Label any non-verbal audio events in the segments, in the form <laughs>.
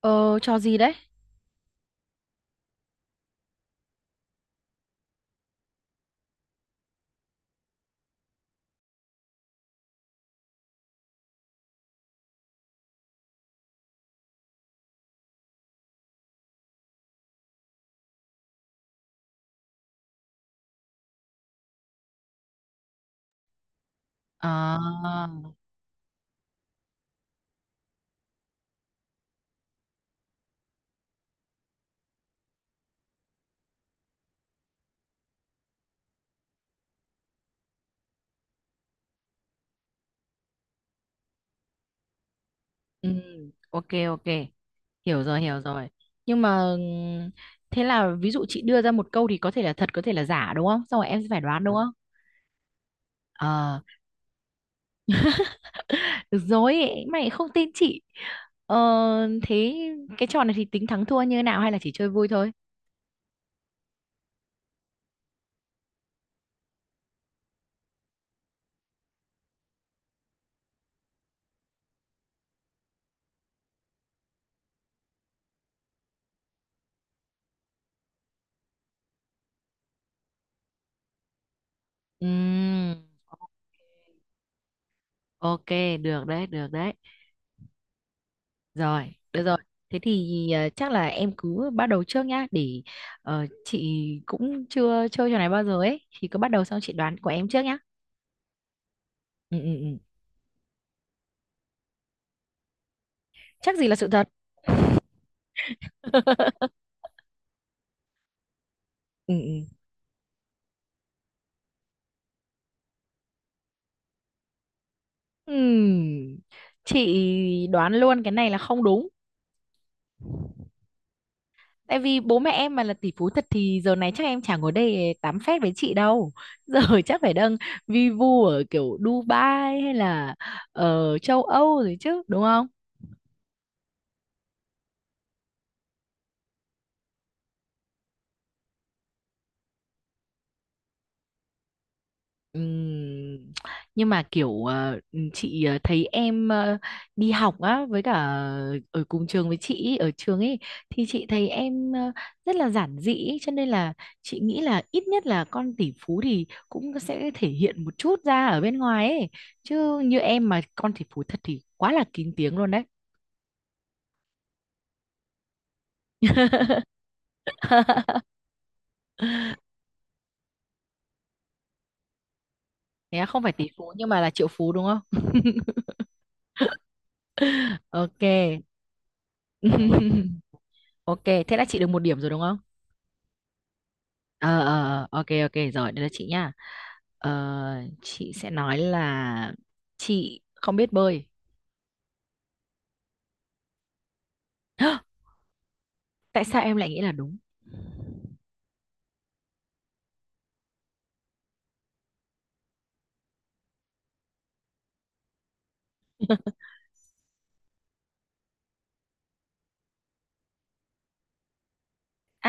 Ờ, cho gì đấy? À, ừ, ok, ok. Hiểu rồi, hiểu rồi. Nhưng mà thế là ví dụ chị đưa ra một câu thì có thể là thật, có thể là giả, đúng không? Xong rồi em sẽ phải đoán, đúng không? Ờ, được rồi, mày không tin chị. Ờ, thế cái trò này thì tính thắng thua như thế nào hay là chỉ chơi vui thôi? Ừm, ok, được đấy, được đấy. Rồi, được rồi. Thế thì chắc là em cứ bắt đầu trước nhá, để chị cũng chưa chơi trò này bao giờ ấy, thì cứ bắt đầu xong chị đoán của em trước nhá. Ừ ừ ừ. Chắc gì là sự thật. <laughs> Ừ ừ. Ừm, Chị đoán luôn cái này là không đúng. Tại vì bố mẹ em mà là tỷ phú thật thì giờ này chắc em chả ngồi đây tám phét với chị đâu. <laughs> Giờ chắc phải đang vi vu ở kiểu Dubai hay là ở châu Âu rồi chứ, đúng không? Ừm, nhưng mà kiểu chị thấy em đi học á với cả ở cùng trường với chị ý, ở trường ấy thì chị thấy em rất là giản dị ý, cho nên là chị nghĩ là ít nhất là con tỷ phú thì cũng sẽ thể hiện một chút ra ở bên ngoài ấy chứ như em mà con tỷ phú thật thì quá là kín tiếng luôn đấy. <laughs> Thế à, không phải tỷ phú nhưng mà là triệu phú đúng không? <laughs> Ok. <laughs> Ok, thế là chị được một điểm rồi đúng không? Ờ ờ ờ, ok ok, rồi đây là chị nhá. ờ, chị sẽ nói là chị không biết bơi. <gasps> Tại sao em lại nghĩ là đúng?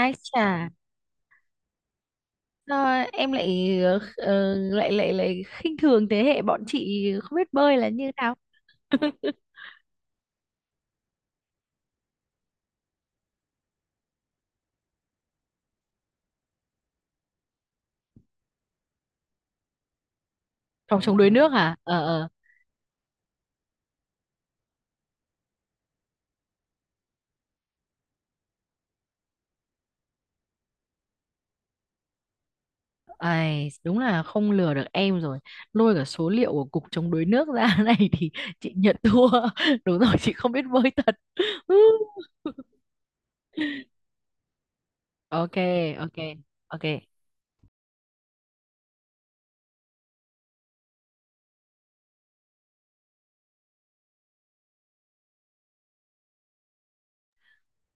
Ai chà, sao em lại ờ, lại lại lại khinh thường thế hệ bọn chị không biết bơi là như nào? <laughs> Phòng chống đuối nước hả? Ờ ờ. Ai, đúng là không lừa được em rồi, lôi cả số liệu của cục chống đuối nước ra <laughs> này, thì chị nhận thua. <laughs> Đúng rồi, chị không biết bơi thật. <laughs> Ok, ok, ok.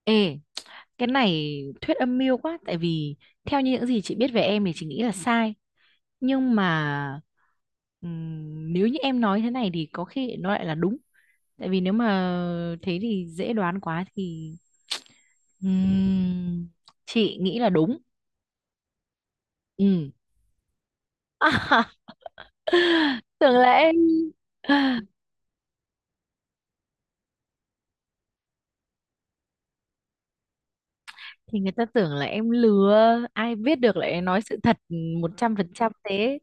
Ê, cái này thuyết âm mưu quá, tại vì theo như những gì chị biết về em thì chị nghĩ là sai, nhưng mà nếu như em nói thế này thì có khi nó lại là đúng. Tại vì nếu mà thế thì dễ đoán quá, thì ừm, chị nghĩ là đúng. Ừ. <laughs> Tưởng là em. <sighs> Thì người ta tưởng là em lừa, ai biết được lại nói sự thật 100% thế.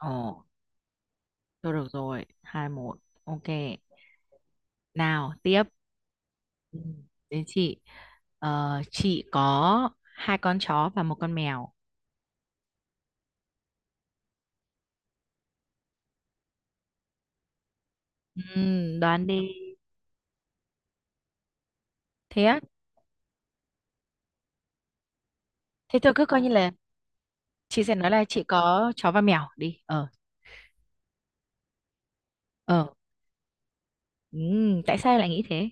Ồ. Thôi được rồi, 2-1. Ok. Nào, tiếp. Ừ. Đến chị. Ờ, chị có hai con chó và một con mèo. Đoán đi. Thế á? Thế tôi cứ coi như là chị sẽ nói là chị có chó và mèo đi. Ờ. Ờ. Tại sao lại nghĩ thế?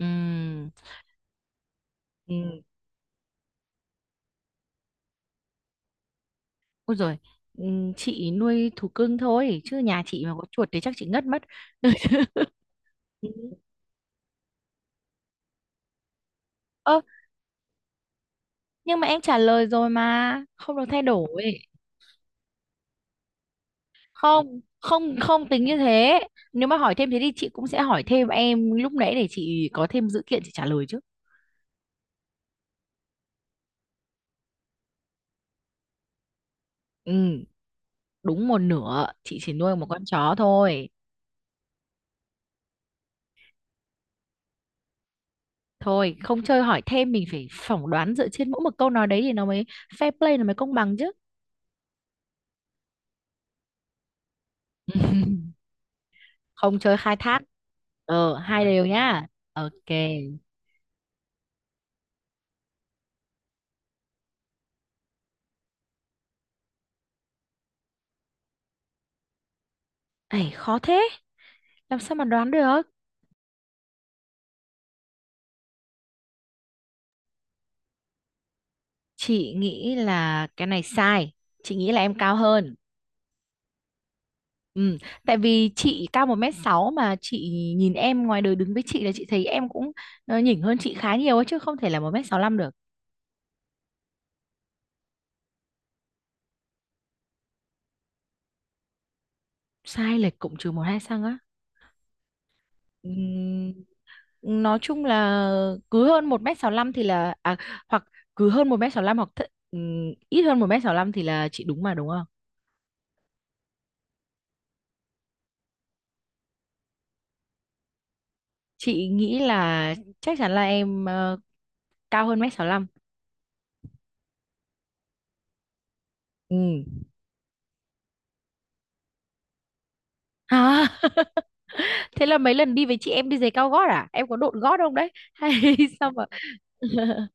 Ừm. Ừm, Ôi rồi. Chị nuôi thú cưng thôi chứ nhà chị mà có chuột thì chắc chị ngất mất. <laughs> Ừ. Ơ, nhưng mà em trả lời rồi mà, không được thay đổi. Không, không, không tính như thế. Nếu mà hỏi thêm thế thì chị cũng sẽ hỏi thêm em lúc nãy để chị có thêm dữ kiện chị trả lời chứ. Ừ. Đúng một nửa, chị chỉ nuôi một con chó thôi. Thôi không chơi hỏi thêm, mình phải phỏng đoán dựa trên mỗi một câu nói đấy thì nó mới fair play, nó mới công bằng chứ. <laughs> Không chơi khai thác. Hai đều nhá. Ok. Ấy khó thế, làm sao mà đoán được. Chị nghĩ là cái này sai, chị nghĩ là em cao hơn. Ừ, tại vì chị cao một mét sáu mà chị nhìn em ngoài đời đứng với chị là chị thấy em cũng nhỉnh hơn chị khá nhiều ấy, chứ không thể là 1 m lăm được. Sai lệch cũng trừ một hai cm á. Ừm, nói chung là cứ hơn 1 m lăm thì là à, hoặc cứ hơn 1m65 hoặc th ít hơn 1 m lăm thì là chị đúng mà đúng không? Chị nghĩ là chắc chắn là em cao hơn mét sáu 65. Ừ. À, <laughs> thế là mấy lần đi với chị em đi giày cao gót à? Em có độn gót không đấy? <laughs> Hay sao mà <laughs>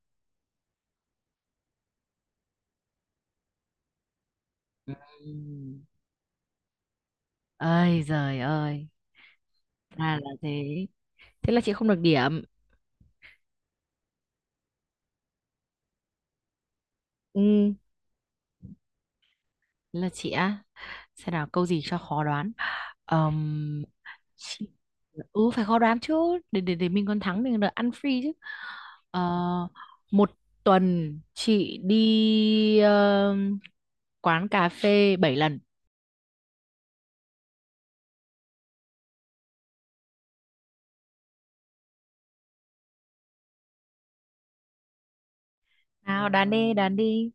Ừm. Ơi giời ơi, ra là thế, thế là chị không được điểm. Ừ, thế là chị á, xem nào câu gì cho khó đoán. Ờm, chị... ừ, phải khó đoán chứ, để mình còn thắng mình còn được ăn free chứ. Ờ, Một tuần chị đi quán cà phê 7 lần. Nào đoán đi, đoán đi.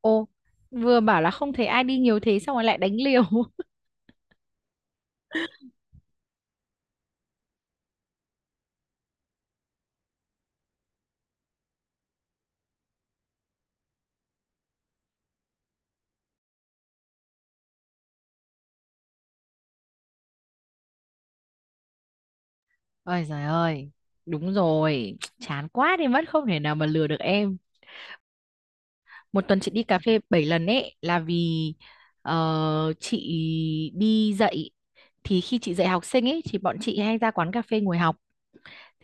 Ô, vừa bảo là không thấy ai đi nhiều thế xong rồi lại đánh liều. Ôi giời ơi, đúng rồi, <tsk> chán quá đi mất, không thể nào mà lừa được em. Một tuần chị đi cà phê 7 lần ấy là vì chị đi dạy, thì khi chị dạy học sinh ấy thì bọn chị hay ra quán cà phê ngồi học.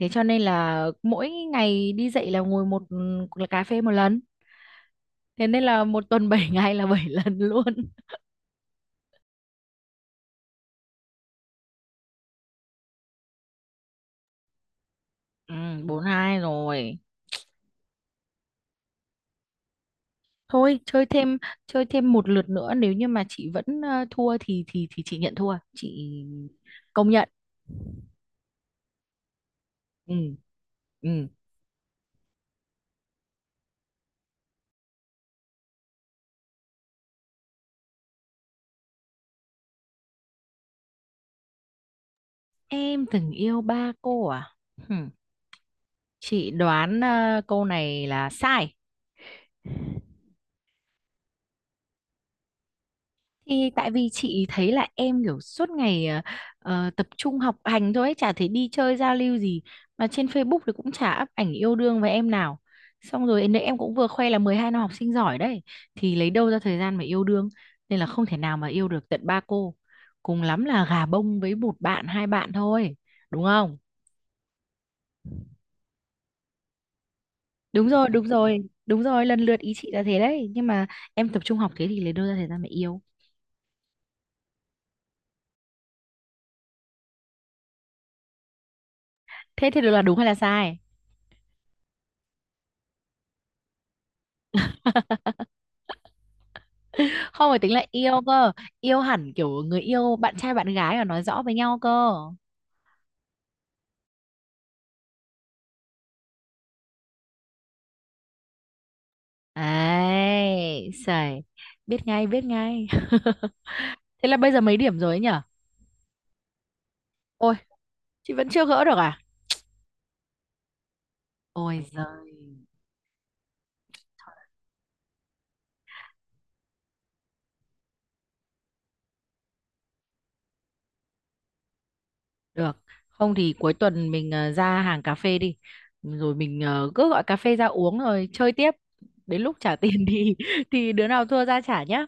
Thế cho nên là mỗi ngày đi dạy là ngồi một, là cà phê một lần. Thế nên là một tuần <laughs> 7 ngày là 7 lần luôn. Ừ, 4-2 rồi. Thôi chơi thêm một lượt nữa, nếu như mà chị vẫn thua thì chị nhận thua. Chị công nhận. Ừ ừ, em từng yêu ba cô à? Hừm, chị đoán câu này là sai, thì tại vì chị thấy là em kiểu suốt ngày tập trung học hành thôi ấy, chả thấy đi chơi giao lưu gì mà trên Facebook thì cũng chả up ảnh yêu đương với em nào, xong rồi nãy em cũng vừa khoe là 12 năm học sinh giỏi đấy, thì lấy đâu ra thời gian mà yêu đương, nên là không thể nào mà yêu được tận ba cô, cùng lắm là gà bông với một bạn hai bạn thôi, đúng không? Đúng rồi, đúng rồi, đúng rồi, lần lượt ý chị là thế đấy, nhưng mà em tập trung học thế thì lấy đâu ra thời gian mà yêu. Thế thì được là đúng hay là sai? <laughs> Không phải tính là yêu cơ, yêu hẳn kiểu người yêu bạn trai bạn gái mà nói rõ với nhau cơ. Ấy sẩy, biết ngay biết ngay. <laughs> Thế là bây giờ mấy điểm rồi ấy nhở? Ôi, chị vẫn chưa gỡ được à? Ôi giời. Được. Không thì cuối tuần mình ra hàng cà phê đi. Rồi mình cứ gọi cà phê ra uống rồi chơi tiếp. Đến lúc trả tiền thì <laughs> thì đứa nào thua ra trả nhá.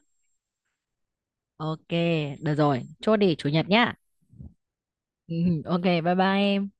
Ok, được rồi. Chốt đi chủ nhật nhá. Ừ, ừ. Ok, bye bye em.